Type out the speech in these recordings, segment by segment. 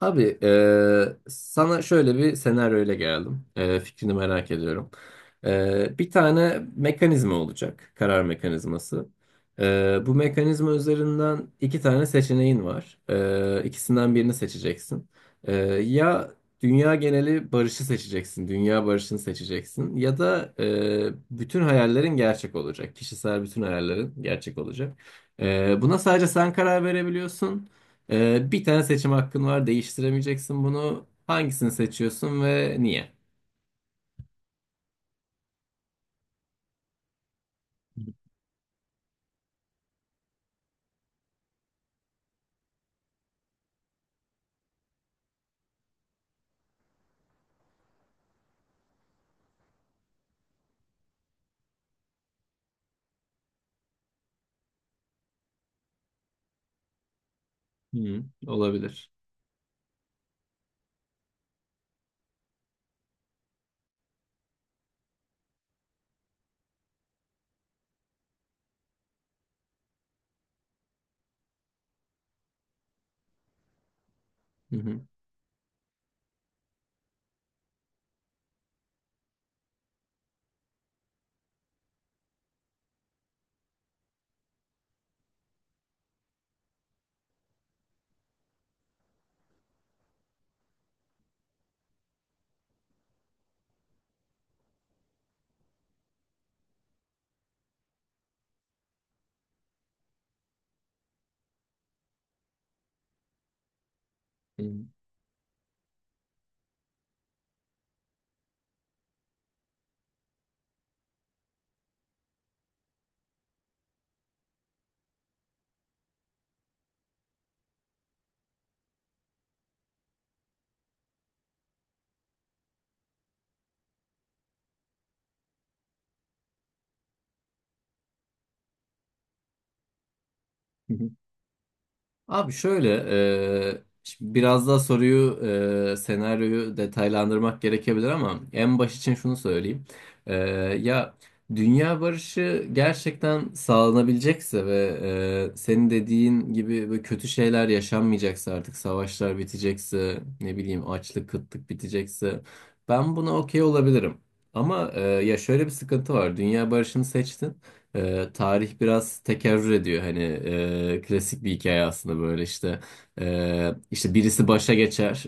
Abi sana şöyle bir senaryoyla geldim. Fikrini merak ediyorum. Bir tane mekanizma olacak. Karar mekanizması. Bu mekanizma üzerinden iki tane seçeneğin var. İkisinden birini seçeceksin. Eee, ya dünya geneli barışı seçeceksin. Dünya barışını seçeceksin. Ya da bütün hayallerin gerçek olacak. Kişisel bütün hayallerin gerçek olacak. Buna sadece sen karar verebiliyorsun. Bir tane seçim hakkın var. Değiştiremeyeceksin bunu. Hangisini seçiyorsun ve niye? Hı, olabilir. Hı hı. Hı hı. Abi şöyle, şimdi biraz daha soruyu, senaryoyu detaylandırmak gerekebilir ama en baş için şunu söyleyeyim. E, ya dünya barışı gerçekten sağlanabilecekse ve senin dediğin gibi böyle kötü şeyler yaşanmayacaksa artık savaşlar bitecekse, ne bileyim açlık, kıtlık bitecekse ben buna okey olabilirim. Ama ya şöyle bir sıkıntı var. Dünya barışını seçtin. Tarih biraz tekerrür ediyor hani klasik bir hikaye aslında böyle işte. İşte birisi başa geçer,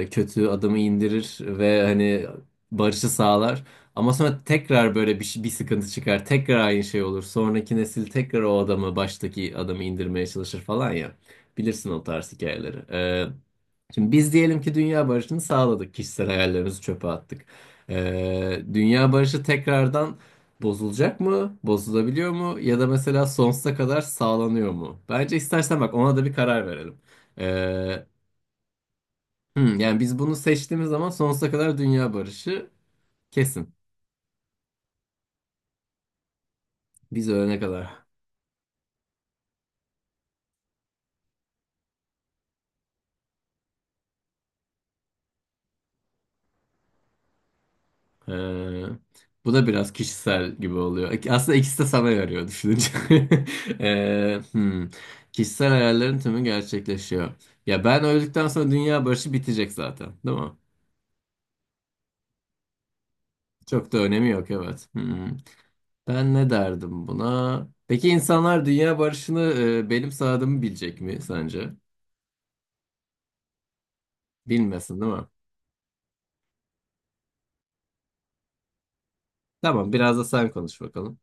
kötü adamı indirir ve hani barışı sağlar, ama sonra tekrar bir sıkıntı çıkar, tekrar aynı şey olur, sonraki nesil tekrar o adamı, baştaki adamı indirmeye çalışır falan ya, bilirsin o tarz hikayeleri. Şimdi biz diyelim ki dünya barışını sağladık. Kişisel hayallerimizi çöpe attık. Dünya barışı tekrardan bozulacak mı? Bozulabiliyor mu? Ya da mesela sonsuza kadar sağlanıyor mu? Bence istersen bak ona da bir karar verelim. Ee, yani biz bunu seçtiğimiz zaman sonsuza kadar dünya barışı kesin. Biz ölene kadar. Ee, bu da biraz kişisel gibi oluyor. Aslında ikisi de sana yarıyor düşününce. Ee, hmm. Kişisel hayallerin tümü gerçekleşiyor. Ya ben öldükten sonra dünya barışı bitecek zaten, değil mi? Çok da önemi yok, evet. Hmm. Ben ne derdim buna? Peki insanlar dünya barışını benim sağladığımı bilecek mi sence? Bilmesin, değil mi? Tamam, biraz da sen konuş bakalım.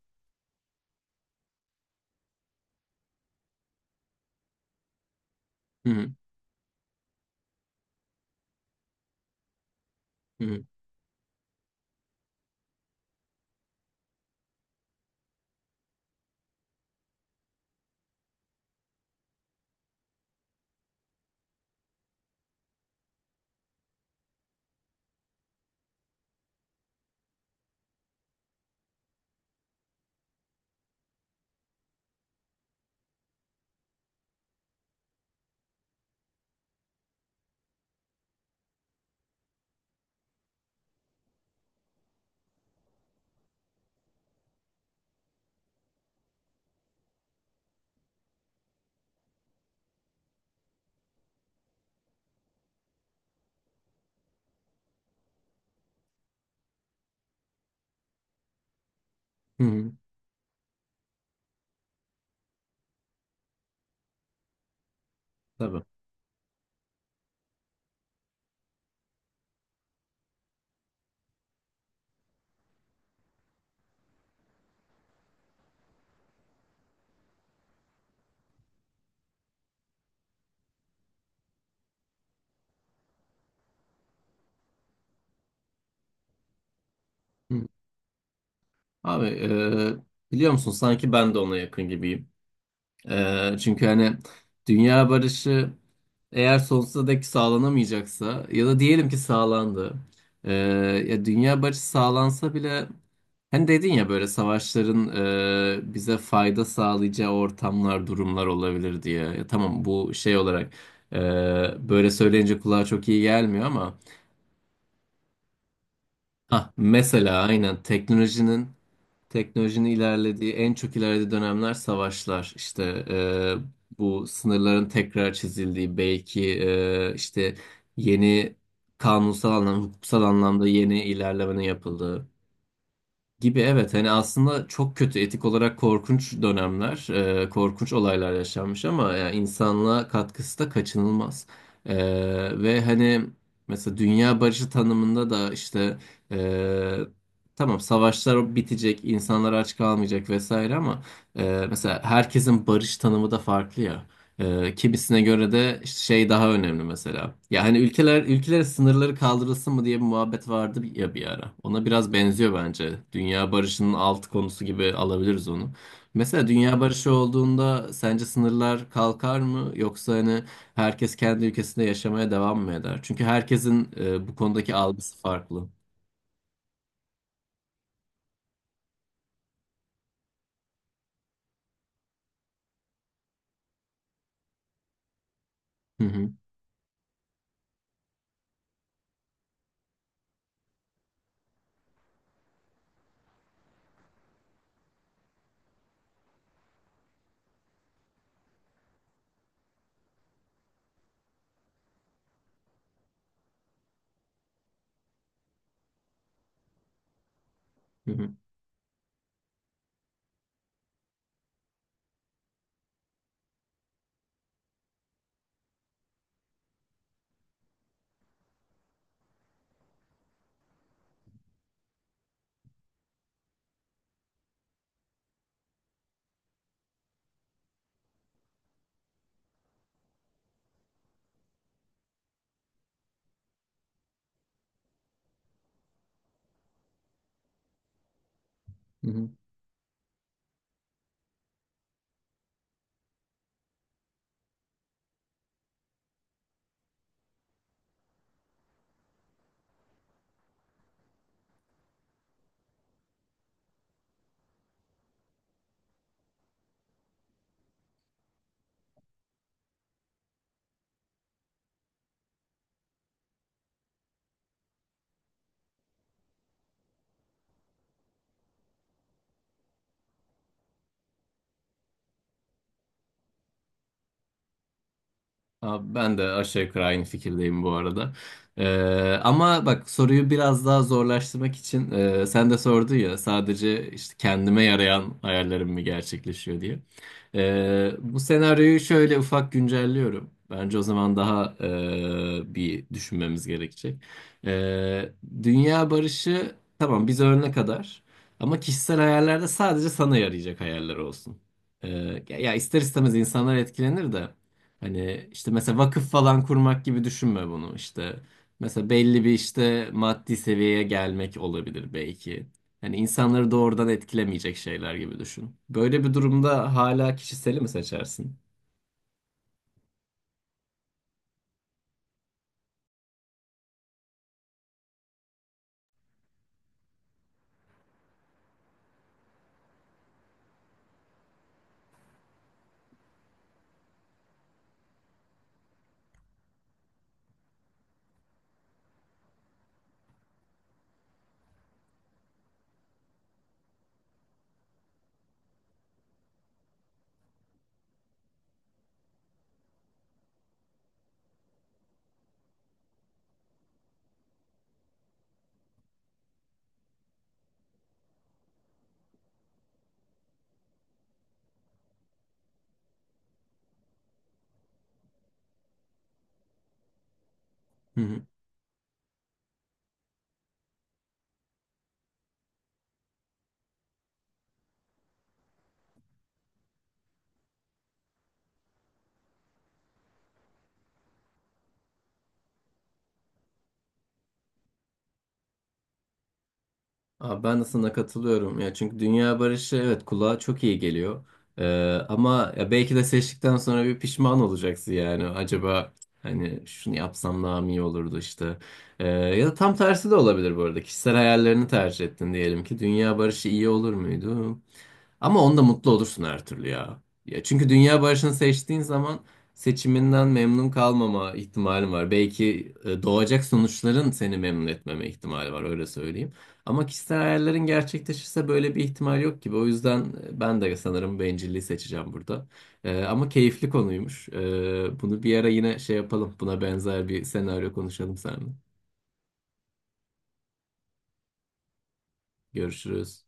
Hı hı, hı hı, hı hı. Tabii. Hı. Abi, biliyor musun? Sanki ben de ona yakın gibiyim. Çünkü hani dünya barışı eğer sonsuza dek sağlanamayacaksa ya da diyelim ki sağlandı. Ee, ya dünya barışı sağlansa bile hani dedin ya böyle savaşların bize fayda sağlayacağı ortamlar, durumlar olabilir diye. Ya tamam bu şey olarak böyle söyleyince kulağa çok iyi gelmiyor ama ha, mesela aynen teknolojinin. Teknolojinin ilerlediği, en çok ilerlediği dönemler savaşlar. İşte bu sınırların tekrar çizildiği belki, işte yeni, kanunsal anlamda, hukuksal anlamda yeni ilerlemenin yapıldığı. Gibi, evet hani aslında çok kötü, etik olarak korkunç dönemler, korkunç olaylar yaşanmış ama yani insanlığa katkısı da kaçınılmaz. E, ve hani mesela dünya barışı tanımında da işte e, tamam savaşlar bitecek, insanlar aç kalmayacak vesaire ama mesela herkesin barış tanımı da farklı ya. Kimisine göre de işte şey daha önemli mesela. Ya hani ülkeler, ülkelere sınırları kaldırılsın mı diye bir muhabbet vardı ya bir ara. Ona biraz benziyor bence. Dünya barışının alt konusu gibi alabiliriz onu. Mesela dünya barışı olduğunda sence sınırlar kalkar mı, yoksa hani herkes kendi ülkesinde yaşamaya devam mı eder? Çünkü herkesin bu konudaki algısı farklı. Hı hı. Hı hı. Hı hı. Abi ben de aşağı yukarı aynı fikirdeyim bu arada. Ama bak, soruyu biraz daha zorlaştırmak için, sen de sordun ya sadece işte kendime yarayan hayallerim mi gerçekleşiyor diye. Bu senaryoyu şöyle ufak güncelliyorum. Bence o zaman daha bir düşünmemiz gerekecek. Ee, dünya barışı tamam biz ölene kadar, ama kişisel hayallerde sadece sana yarayacak hayaller olsun. Ya ister istemez insanlar etkilenir de. Hani işte mesela vakıf falan kurmak gibi düşünme bunu işte. Mesela belli bir işte maddi seviyeye gelmek olabilir belki. Hani insanları doğrudan etkilemeyecek şeyler gibi düşün. Böyle bir durumda hala kişiseli mi seçersin? Hı hı. Abi ben de sana katılıyorum ya, çünkü dünya barışı evet kulağa çok iyi geliyor. Ee, ama ya belki de seçtikten sonra bir pişman olacaksın, yani acaba hani şunu yapsam daha mı iyi olurdu işte. Ya da tam tersi de olabilir bu arada, kişisel hayallerini tercih ettin diyelim ki, dünya barışı iyi olur muydu? Ama onda mutlu olursun her türlü ya. Ya çünkü dünya barışını seçtiğin zaman seçiminden memnun kalmama ihtimalin var. Belki doğacak sonuçların seni memnun etmeme ihtimali var, öyle söyleyeyim. Ama kişisel hayallerin gerçekleşirse böyle bir ihtimal yok gibi. O yüzden ben de sanırım bencilliği seçeceğim burada. Ama keyifli konuymuş. Bunu bir ara yine şey yapalım. Buna benzer bir senaryo konuşalım seninle. Görüşürüz.